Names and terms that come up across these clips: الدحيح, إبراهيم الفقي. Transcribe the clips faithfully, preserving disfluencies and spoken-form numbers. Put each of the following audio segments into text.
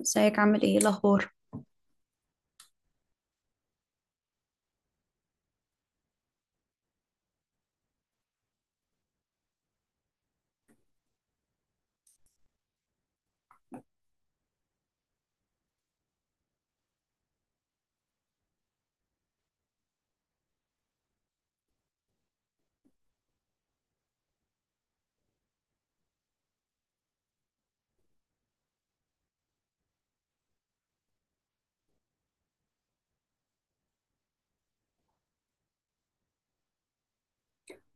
ازيك؟ عامل ايه؟ الاخبار؟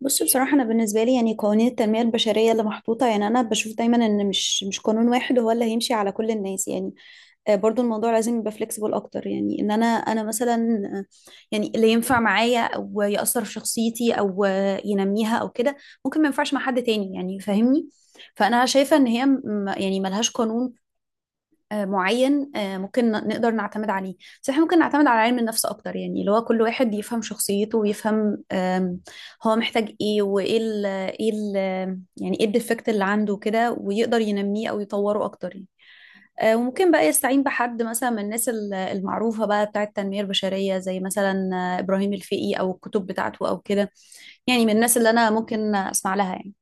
بص، بصراحة أنا بالنسبة لي يعني قوانين التنمية البشرية اللي محطوطة، يعني أنا بشوف دايما إن مش مش قانون واحد هو اللي هيمشي على كل الناس. يعني آه، برضو الموضوع لازم يبقى فليكسيبل أكتر، يعني إن أنا أنا مثلا، آه، يعني اللي ينفع معايا أو يأثر في شخصيتي أو آه، ينميها أو كده، ممكن ما ينفعش مع حد تاني. يعني فاهمني؟ فأنا شايفة إن هي م- يعني ملهاش قانون آه، معين آه، ممكن ن- نقدر نعتمد عليه. بس احنا ممكن نعتمد على علم النفس اكتر، يعني اللي هو كل واحد يفهم شخصيته ويفهم آم، هو محتاج ايه، وايه ال ايه ال يعني ايه الديفكت اللي عنده كده، ويقدر ينميه او يطوره اكتر. يعني آه، وممكن بقى يستعين بحد مثلا من الناس ال- المعروفة بقى بتاعة التنمية البشرية، زي مثلا آه، إبراهيم الفقي، أو الكتب بتاعته أو كده، يعني من الناس اللي أنا ممكن أسمع لها يعني.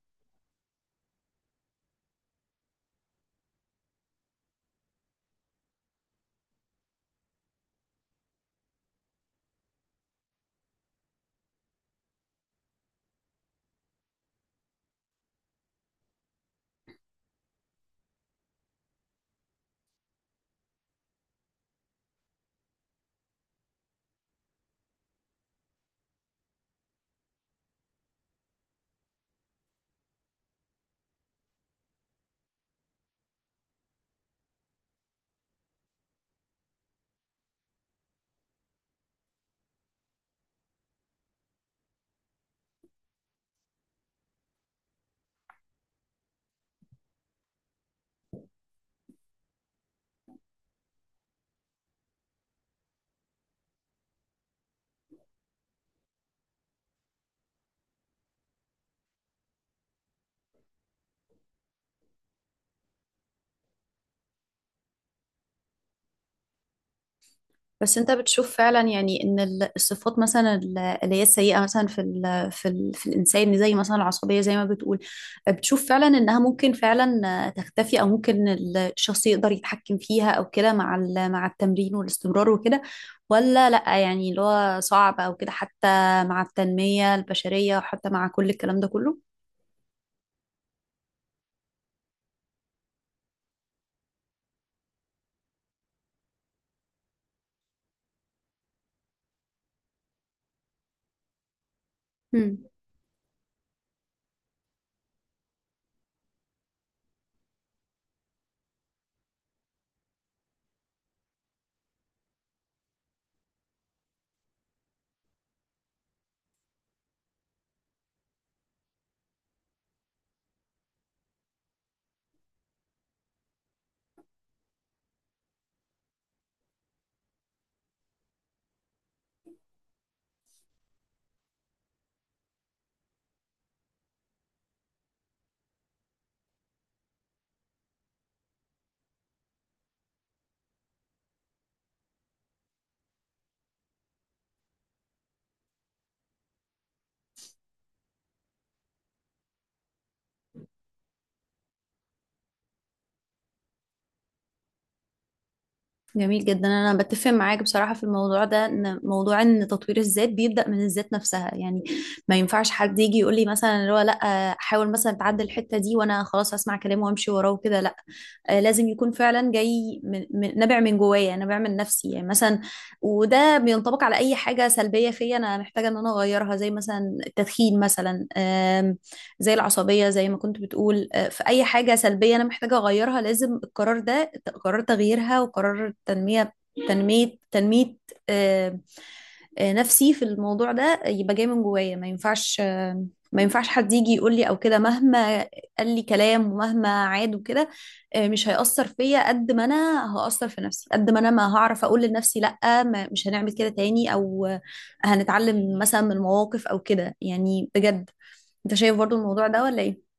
بس انت بتشوف فعلا يعني ان ال- الصفات مثلا ال- اللي هي السيئه مثلا في ال في ال في الانسان، زي مثلا العصبيه زي ما بتقول، بتشوف فعلا انها ممكن فعلا تختفي، او ممكن الشخص يقدر يتحكم فيها او كده مع ال- مع التمرين والاستمرار وكده، ولا لا؟ يعني اللي هو صعب او كده، حتى مع التنميه البشريه وحتى مع كل الكلام ده كله. جميل جدا. انا بتفق معاك بصراحه في الموضوع ده، ان موضوع ان تطوير الذات بيبدا من الذات نفسها يعني. ما ينفعش حد يجي يقول لي مثلا اللي هو لا حاول مثلا تعدل الحته دي، وانا خلاص اسمع كلامه وامشي وراه وكده. لا، آه، لازم يكون فعلا جاي من من- نابع من جوايا، نابع من نفسي يعني مثلا. وده بينطبق على اي حاجه سلبيه فيا انا محتاجه ان انا اغيرها، زي مثلا التدخين مثلا، آم، زي العصبيه زي ما كنت بتقول. آه، في اي حاجه سلبيه انا محتاجه اغيرها، لازم القرار ده، قرار تغييرها وقرار تنميه تنميه تنميه آه، آه، نفسي في الموضوع ده يبقى جاي من جوايا. ما ينفعش آه، ما ينفعش حد يجي يقول لي او كده، مهما قال لي كلام ومهما عاد وكده، آه، مش هيأثر فيا قد ما انا هأثر في نفسي، قد ما انا ما هعرف اقول لنفسي لأ ما مش هنعمل كده تاني، او آه، هنتعلم مثلا من المواقف او كده يعني بجد. انت شايف برضو الموضوع ده ولا ايه؟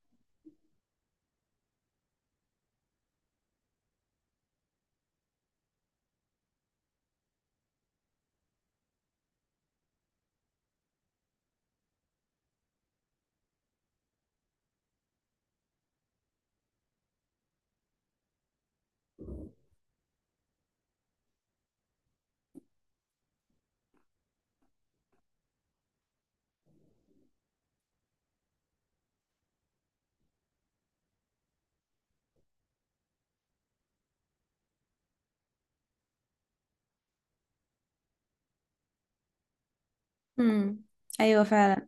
امم، ايوه فعلا.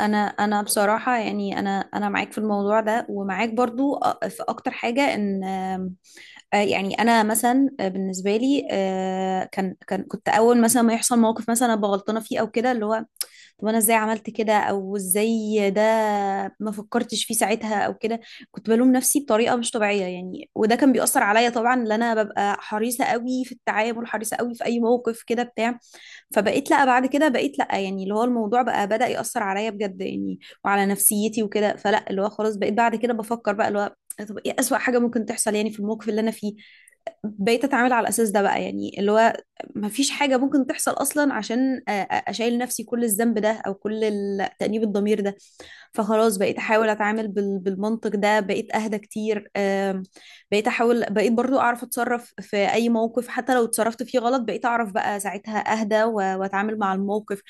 انا انا بصراحه يعني انا انا معاك في الموضوع ده، ومعاك برضو أ- في اكتر حاجه ان آم، آه، يعني انا مثلا، آه، بالنسبه لي آه، كان كان كنت اول مثلا ما يحصل موقف مثلا أنا بغلطانه فيه او كده، اللي هو طب انا ازاي عملت كده، او ازاي ده، ما فكرتش فيه ساعتها او كده. كنت بلوم نفسي بطريقه مش طبيعيه يعني، وده كان بيأثر عليا طبعا، ان انا ببقى حريصه قوي في التعامل، حريصه قوي في اي موقف كده بتاع. فبقيت لا بعد كده، بقيت لا يعني اللي هو الموضوع بقى بدأ يأثر عليا بجد يعني، وعلى نفسيتي وكده. فلا اللي هو خلاص بقيت بعد كده بفكر بقى اللي هو طب ايه أسوأ حاجة ممكن تحصل يعني في الموقف اللي انا فيه. بقيت اتعامل على الاساس ده بقى، يعني اللي هو ما فيش حاجه ممكن تحصل اصلا، عشان أ- أ- اشيل نفسي كل الذنب ده او كل ال- تأنيب الضمير ده. فخلاص بقيت احاول اتعامل بال- بالمنطق ده، بقيت اهدى كتير. آم، بقيت احاول، بقيت برضو اعرف اتصرف في اي موقف، حتى لو اتصرفت فيه غلط بقيت اعرف بقى ساعتها اهدى و- واتعامل مع الموقف.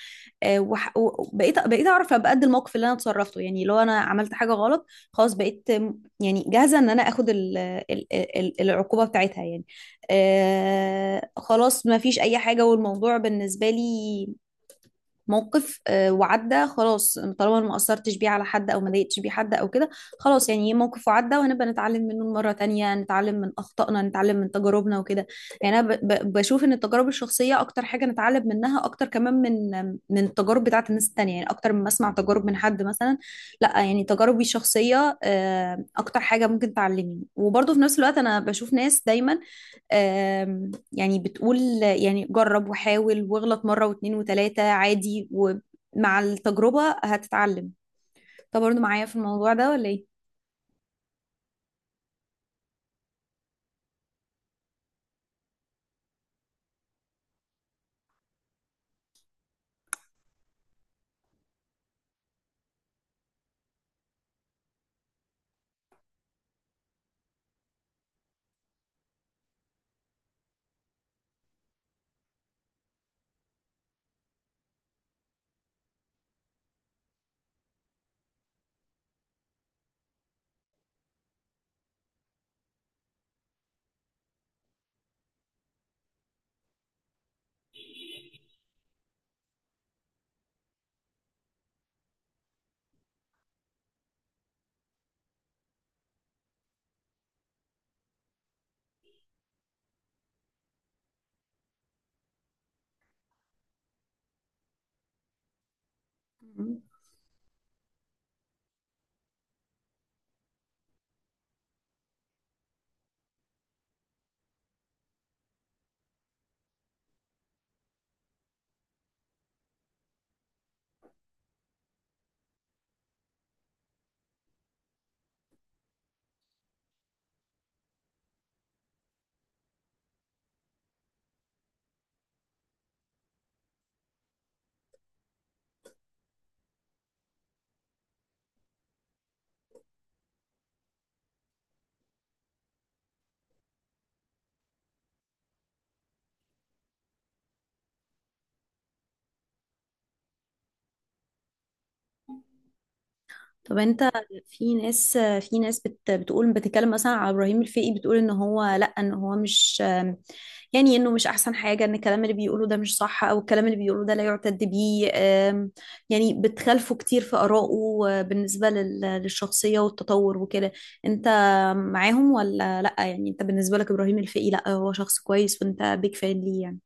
آه، وح- وبقيت بقيت بقيت اعرف ابقى قد الموقف اللي انا اتصرفته يعني. لو انا عملت حاجة غلط، خلاص بقيت آم، يعني جاهزة ان انا اخد ال- ال- ال- العقوبة بتاعتها يعني. آه خلاص، ما فيش اي حاجة، والموضوع بالنسبة لي موقف آه، وعدى خلاص، طالما أنا ما أثرتش بيه على حد أو ما ضايقتش بيه حد أو كده. خلاص يعني موقف وعدى، وهنبقى نتعلم منه مرة تانية، نتعلم من أخطائنا، نتعلم من تجاربنا وكده. يعني أنا ب- ب- بشوف إن التجارب الشخصية أكتر حاجة نتعلم منها، أكتر كمان من من التجارب بتاعت الناس التانية، يعني أكتر من ما أسمع تجارب من حد مثلا. لا، يعني تجاربي الشخصية آه، أكتر حاجة ممكن تعلمني. وبرضه في نفس الوقت أنا بشوف ناس دايما آم، يعني بتقول يعني جرب وحاول واغلط مرة واتنين وتلاتة عادي، ومع التجربة هتتعلم. طب برضه معايا في الموضوع ده ولا ايه؟ طب انت، في ناس في ناس بت بتقول بتتكلم مثلا على ابراهيم الفقي، بتقول ان هو لا، ان هو مش يعني انه مش احسن حاجه، ان الكلام اللي بيقوله ده مش صح، او الكلام اللي بيقوله ده لا يعتد بيه. ام، يعني بتخالفه كتير في ارائه اه، بالنسبه لل- للشخصيه والتطور وكده. انت معاهم ولا لا؟ يعني انت بالنسبه لك ابراهيم الفقي لا هو شخص كويس وانت بيك فان ليه يعني؟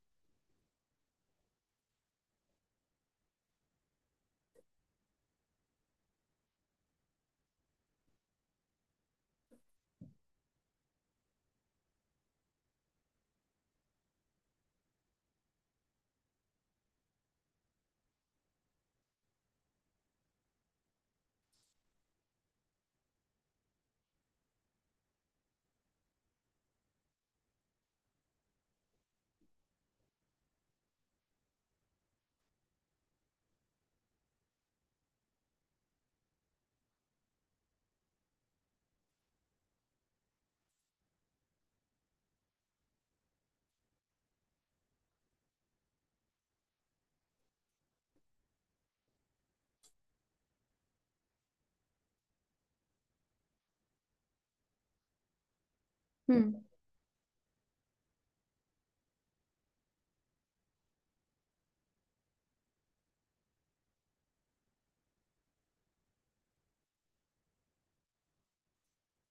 مم.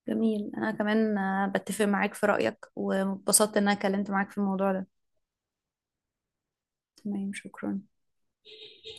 جميل. انا كمان اه، بتفق معاك في رايك، واتبسطت ان انا اتكلمت معاك في الموضوع ده. تمام، شكرا.